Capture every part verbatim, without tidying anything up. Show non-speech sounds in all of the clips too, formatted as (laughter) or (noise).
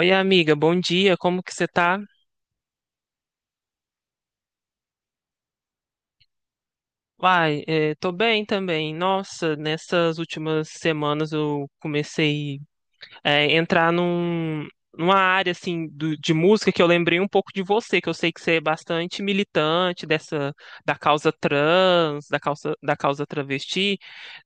Oi, amiga, bom dia, como que você tá? Uai, eh, tô bem também. Nossa, nessas últimas semanas eu comecei a entrar num, numa área assim do- de música que eu lembrei um pouco de você, que eu sei que você é bastante militante dessa da causa trans, da causa, da causa travesti.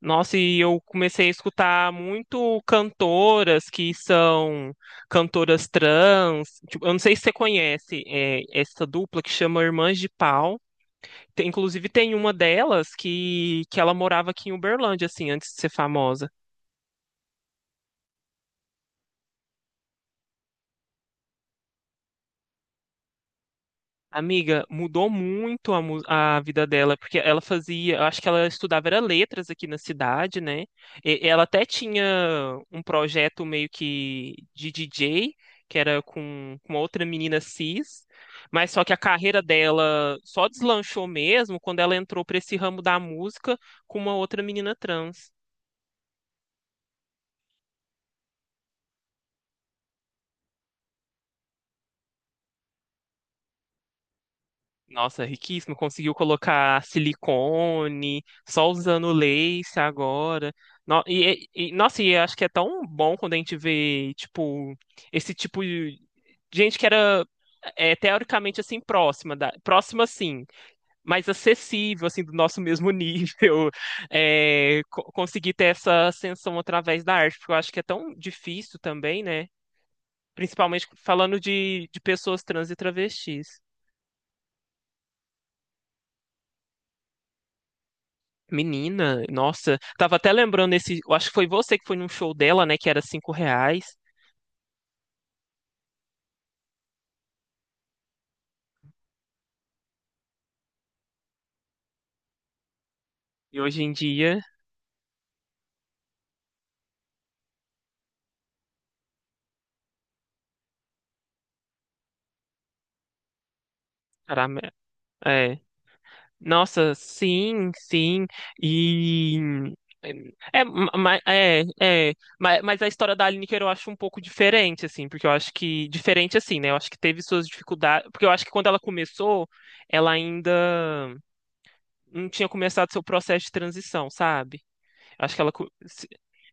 Nossa, e eu comecei a escutar muito cantoras que são cantoras trans. Tipo, eu não sei se você conhece, eh, essa dupla que chama Irmãs de Pau. Tem- Inclusive, tem uma delas que, que ela morava aqui em Uberlândia, assim, antes de ser famosa. Amiga, mudou muito a, mu- a vida dela, porque ela fazia, eu acho que ela estudava era letras aqui na cidade, né? E- ela até tinha um projeto meio que de D J, que era com, com outra menina cis, mas só que a carreira dela só deslanchou mesmo quando ela entrou para esse ramo da música com uma outra menina trans. Nossa, riquíssimo. Conseguiu colocar silicone, só usando lace agora. No- e, e- e- nossa, e eu acho que é tão bom quando a gente vê, tipo, esse tipo de gente que era é, teoricamente assim próxima da, próxima sim, mas acessível assim do nosso mesmo nível, (laughs) é, co- conseguir ter essa ascensão através da arte, porque eu acho que é tão difícil também, né? Principalmente falando de, de pessoas trans e travestis. Menina, nossa, tava até lembrando esse, eu acho que foi você que foi num show dela, né, que era cinco reais, e hoje em dia, caramba, é, nossa, sim, sim, e, é, mas, é, é, mas, mas a história da Lineker eu acho um pouco diferente, assim, porque eu acho que, diferente assim, né, eu acho que teve suas dificuldades, porque eu acho que quando ela começou, ela ainda não tinha começado seu processo de transição, sabe? Acho que ela. co- se-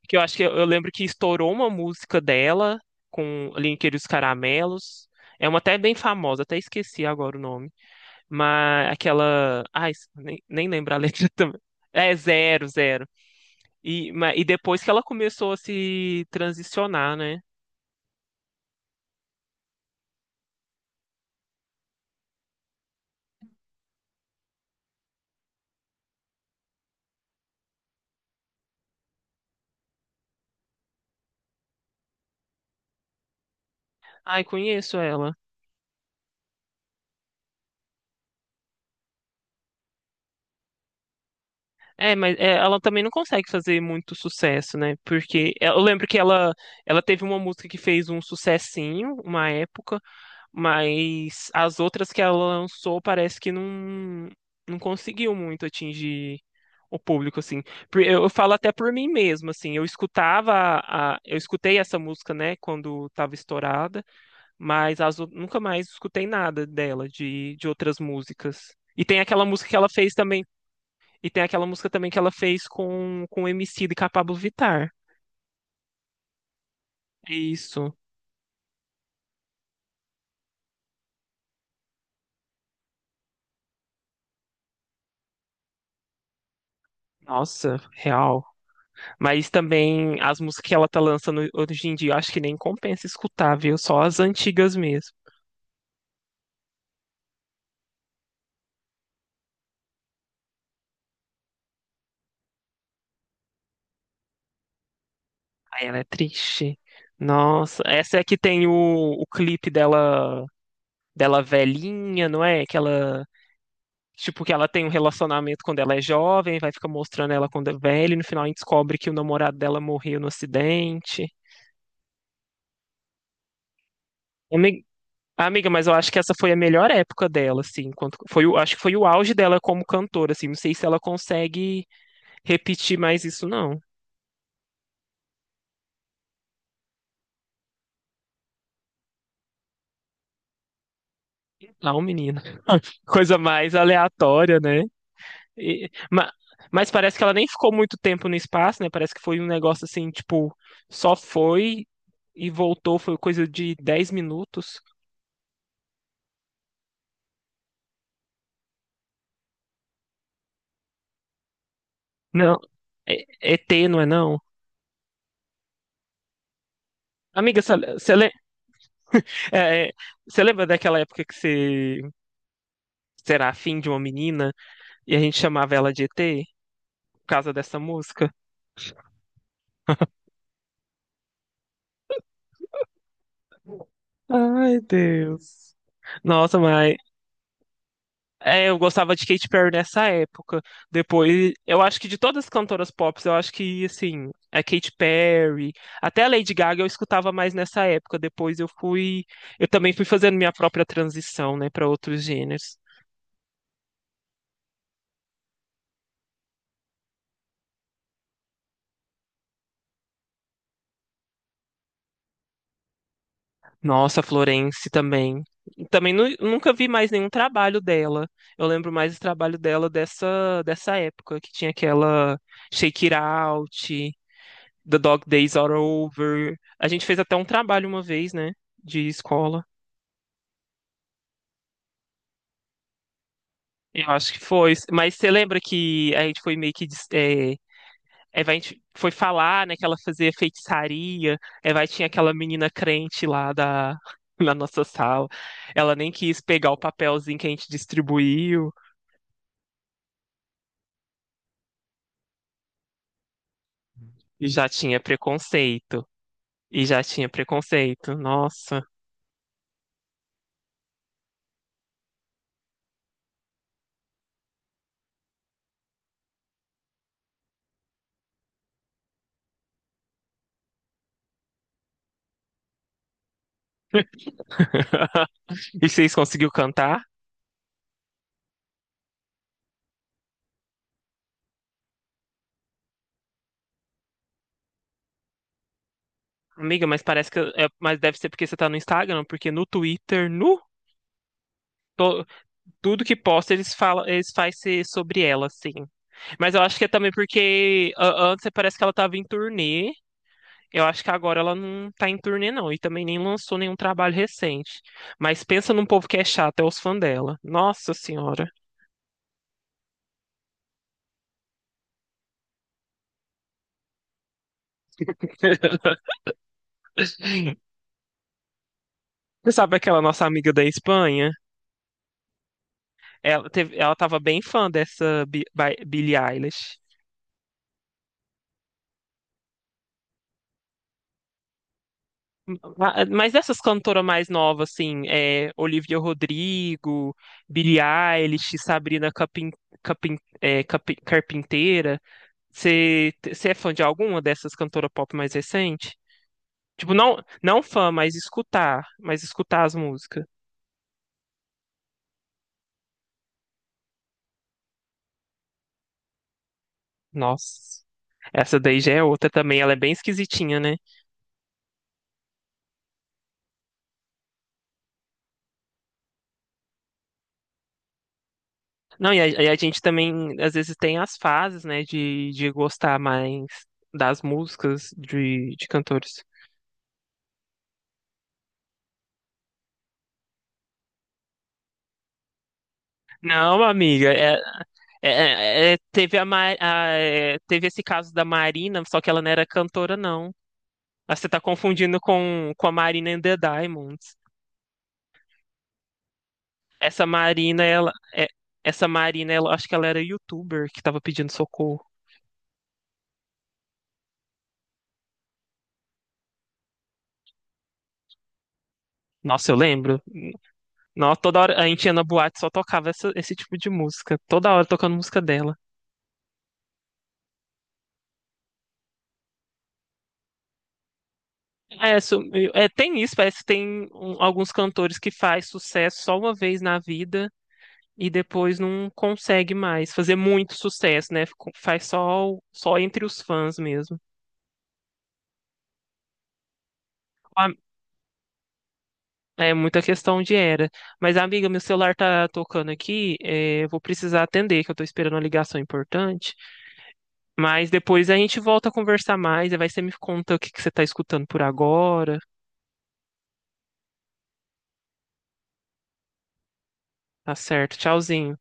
Que eu acho que eu, eu lembro que estourou uma música dela com ali entre os caramelos. É uma até bem famosa, até esqueci agora o nome. Mas aquela. Ai, s- nem, nem lembro a letra (laughs) também. É zero, zero. E, ma- e depois que ela começou a se transicionar, né? Ai, conheço ela. É, mas é, ela também não consegue fazer muito sucesso, né? Porque é, eu lembro que ela, ela teve uma música que fez um sucessinho, uma época. Mas as outras que ela lançou parece que não, não conseguiu muito atingir o público, assim. Por- Eu, eu falo até por mim mesmo, assim. Eu escutava a, a- eu escutei essa música, né, quando estava estourada, mas as, ou- nunca mais escutei nada dela, de, de outras músicas. E tem aquela música que ela fez também, e tem aquela música também que ela fez com, com o Emicida e com a Pabllo Vittar. É isso. Nossa, real. Mas também as músicas que ela tá lançando hoje em dia, eu acho que nem compensa escutar, viu? Só as antigas mesmo. Aí ela é triste. Nossa, essa é que tem o, o clipe dela, dela velhinha, não é? Que ela, tipo, que ela tem um relacionamento quando ela é jovem, vai ficar mostrando ela quando é velha, e no final a gente descobre que o namorado dela morreu no acidente. Ami- Amiga, mas eu acho que essa foi a melhor época dela, assim, enquanto foi o, acho que foi o auge dela como cantora, assim, não sei se ela consegue repetir mais isso, não. Não, menina. Coisa mais aleatória, né? E- ma- mas parece que ela nem ficou muito tempo no espaço, né? Parece que foi um negócio assim, tipo, só foi e voltou, foi coisa de dez minutos. Não, é, E T, não é não? Amiga, você le- é, é, você lembra daquela época que você você era afim de uma menina e a gente chamava ela de E T por causa dessa música? Ai, Deus. Nossa, mas é, eu gostava de Katy Perry nessa época. Depois, eu acho que de todas as cantoras pop, eu acho que, assim, a Katy Perry, até a Lady Gaga eu escutava mais nessa época. Depois eu fui, eu também fui fazendo minha própria transição, né, para outros gêneros. Nossa, Florence também. Também nu- nunca vi mais nenhum trabalho dela. Eu lembro mais do trabalho dela dessa, dessa época, que tinha aquela Shake It Out, The Dog Days Are Over. A gente fez até um trabalho uma vez, né? De escola. Eu acho que foi. Mas você lembra que a gente foi meio que. des- É, Eva, a gente foi falar, né? Que ela fazia feitiçaria. Eva tinha aquela menina crente lá da, (laughs) na nossa sala. Ela nem quis pegar o papelzinho que a gente distribuiu. E já tinha preconceito. E já tinha preconceito. Nossa. (laughs) E vocês conseguiu cantar? Amiga, mas parece que. É- mas deve ser porque você tá no Instagram, porque no Twitter, no. to- Tudo que posta eles falam, eles faz ser sobre ela, assim. Mas eu acho que é também porque a- antes parece que ela tava em turnê. Eu acho que agora ela não tá em turnê, não. E também nem lançou nenhum trabalho recente. Mas pensa num povo que é chato, é os fãs dela. Nossa Senhora. (laughs) Você sabe aquela nossa amiga da Espanha? Ela teve, ela tava bem fã dessa Bi- Bi- Billie Eilish. Ah, ah, Mas essas cantoras mais novas, assim, é, Olivia Rodrigo, Billie Eilish, Sabrina Capin, Capin, é, Capi- Carpinteira, você é fã de alguma dessas cantoras pop mais recente? Tipo, não, não fã, mas escutar, mas escutar as músicas. Nossa, essa daí já é outra também, ela é bem esquisitinha, né? Não, e a, e a gente também, às vezes, tem as fases, né, de, de gostar mais das músicas de, de cantores. Não, amiga, é É, é, é, teve a, Ma- a, é, teve esse caso da Marina, só que ela não era cantora, não. Ah, você tá confundindo com, com a Marina and the Diamonds. Essa Marina, ela, é- essa Marina, ela, acho que ela era YouTuber que tava pedindo socorro. Nossa, eu lembro. Nossa, toda hora a gente ia na boate só tocava essa- esse tipo de música. Toda hora tocando música dela. É, su- é, tem isso, parece que tem um, alguns cantores que faz sucesso só uma vez na vida. E depois não consegue mais fazer muito sucesso, né? Ficou- Faz só, o- só entre os fãs mesmo. A- É muita questão de era. Mas, amiga, meu celular tá tocando aqui, é, eu vou precisar atender, que eu tô esperando uma ligação importante. Mas depois a gente volta a conversar mais, aí vai você me conta o que que você tá escutando por agora. Tá certo, tchauzinho.